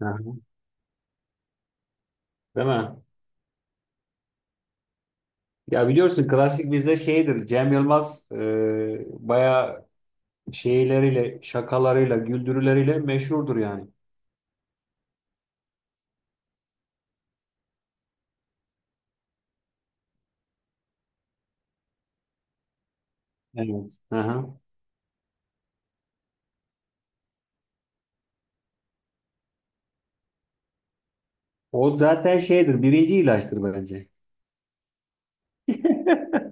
Aha, değil mi? Ya biliyorsun klasik bizde şeydir. Cem Yılmaz bayağı şeyleriyle, şakalarıyla, güldürüleriyle meşhurdur yani. Evet. Aha. O zaten şeydir. Birinci ilaçtır bence.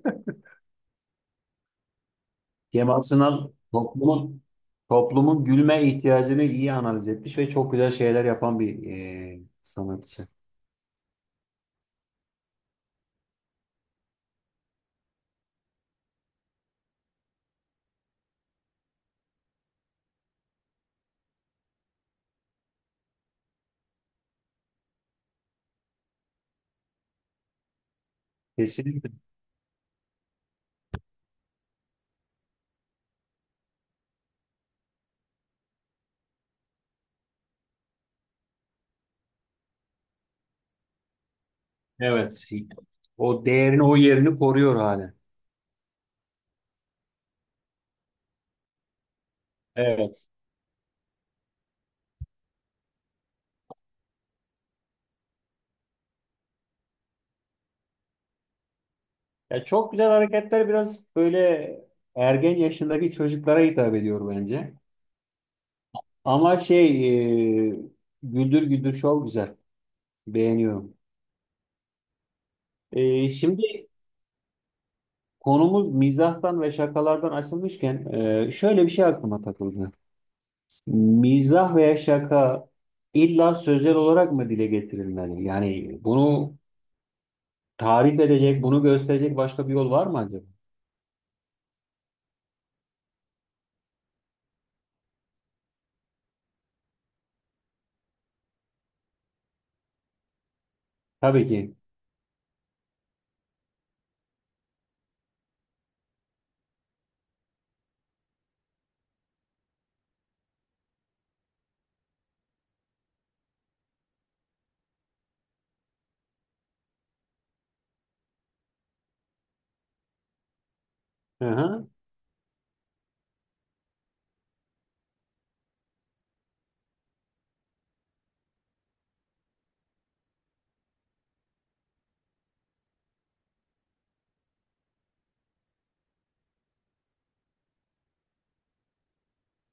Kemal Sunal toplumun gülme ihtiyacını iyi analiz etmiş ve çok güzel şeyler yapan bir sanatçı. Kesinlikle. Evet. O değerini, o yerini koruyor hala. Evet. Ya çok güzel hareketler, biraz böyle ergen yaşındaki çocuklara hitap ediyor bence. Ama şey, e, Güldür Güldür Show güzel. Beğeniyorum. Şimdi konumuz mizahtan ve şakalardan açılmışken şöyle bir şey aklıma takıldı. Mizah veya şaka illa sözel olarak mı dile getirilmeli? Yani bunu tarif edecek, bunu gösterecek başka bir yol var mı acaba? Tabii ki. Hı hı.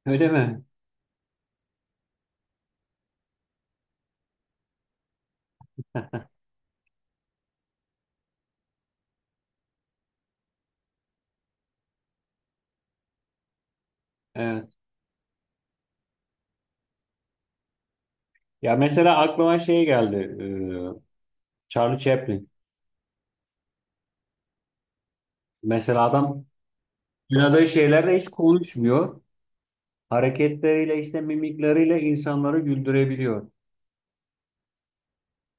Öyle mi? Evet. Ya mesela aklıma şey geldi. Charlie Chaplin. Mesela adam oynadığı şeylerle hiç konuşmuyor. Hareketleriyle, işte mimikleriyle insanları güldürebiliyor.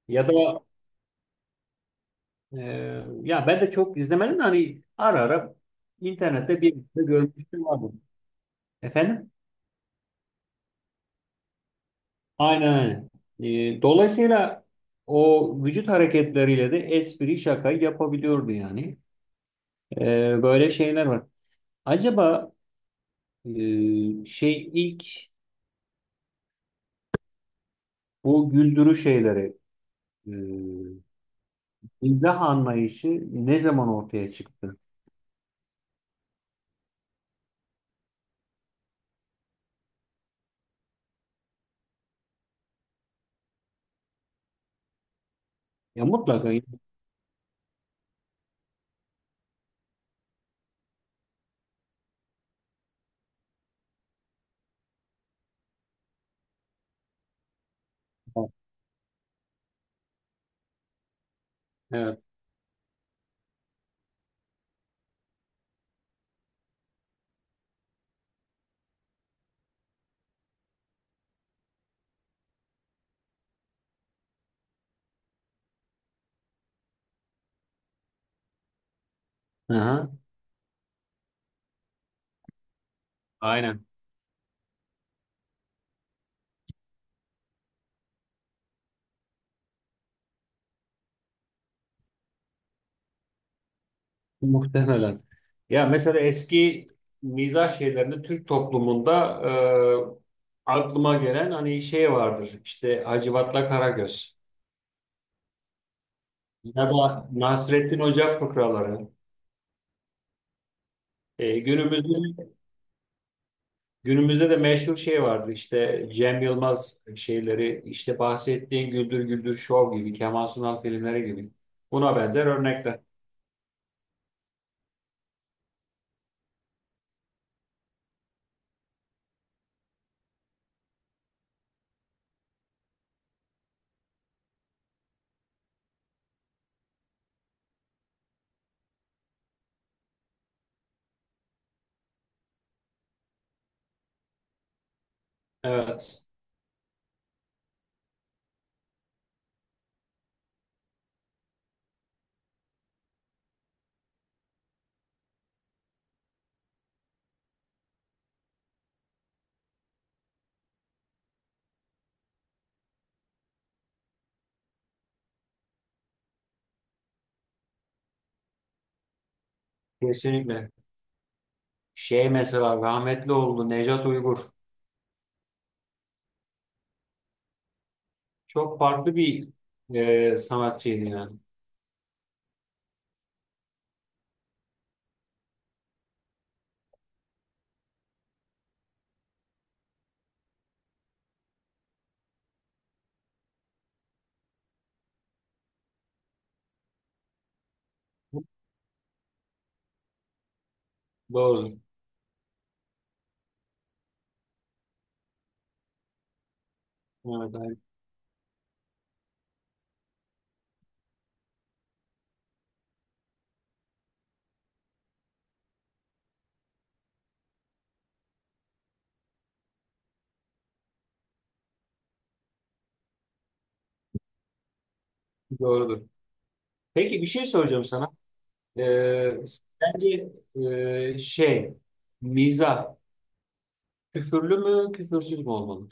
Ya da e, ya ben de çok izlemedim de hani ara ara internette bir de görmüştüm, vardı. Efendim? Aynen aynen. Dolayısıyla o vücut hareketleriyle de espri, şaka yapabiliyordu yani. E, böyle şeyler var. Acaba şey ilk, bu güldürü şeyleri, e, mizah anlayışı ne zaman ortaya çıktı? Ya mutlaka. Evet. Aha, aynen. Muhtemelen. Ya mesela eski mizah şeylerinde Türk toplumunda aklıma gelen hani şey vardır. İşte Hacivat'la Karagöz ya da Nasrettin Hoca fıkraları. E, günümüzde, günümüzde de meşhur şey vardı işte Cem Yılmaz şeyleri, işte bahsettiğin Güldür Güldür Show gibi, Kemal Sunal filmleri gibi buna benzer örnekler. Evet, kesinlikle. Şey mesela rahmetli oldu, Nejat Uygur çok farklı bir sanatçıydı yani. Doğrudur. Evet, hayır, doğrudur. Peki bir şey soracağım sana. Ee, sence şey mizah küfürlü mü küfürsüz mü olmalı?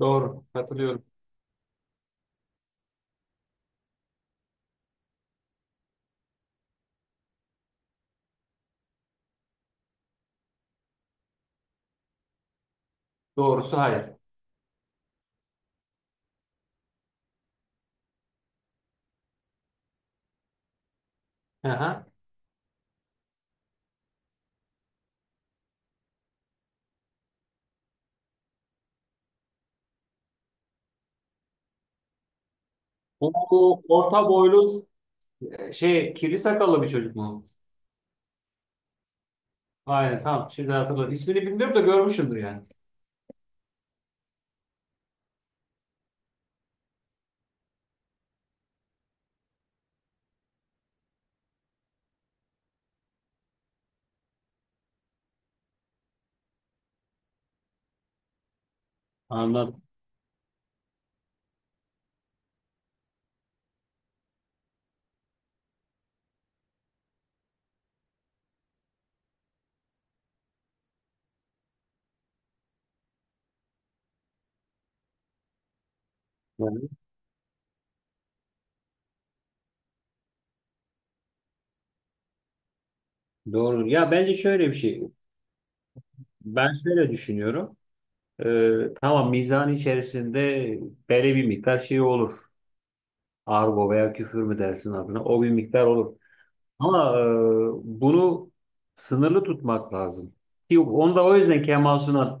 Doğru, katılıyorum. Doğrusu hayır. Aha. Bu orta boylu, şey kirli sakallı bir çocuk mu? Aynen, tamam, şimdi hatırladım. İsmini bilmiyorum da görmüşümdür yani. Anladım. Yani doğrudur. Ya bence şöyle bir şey. Ben şöyle düşünüyorum. Tamam, mizan içerisinde belli bir miktar şey olur. Argo veya küfür mü dersin adına? O bir miktar olur. Ama bunu sınırlı tutmak lazım. Ki yok, onu da o yüzden Kemal Sunal.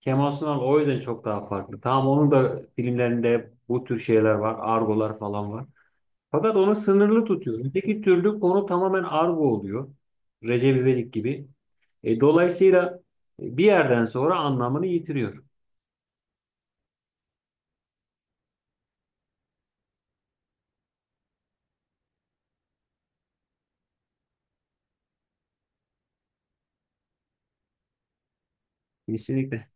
Kemal Sunal o yüzden çok daha farklı. Tamam, onun da filmlerinde hep bu tür şeyler var. Argolar falan var. Fakat onu sınırlı tutuyor. Öteki türlü konu tamamen argo oluyor. Recep İvedik gibi. Dolayısıyla bir yerden sonra anlamını yitiriyor. Kesinlikle.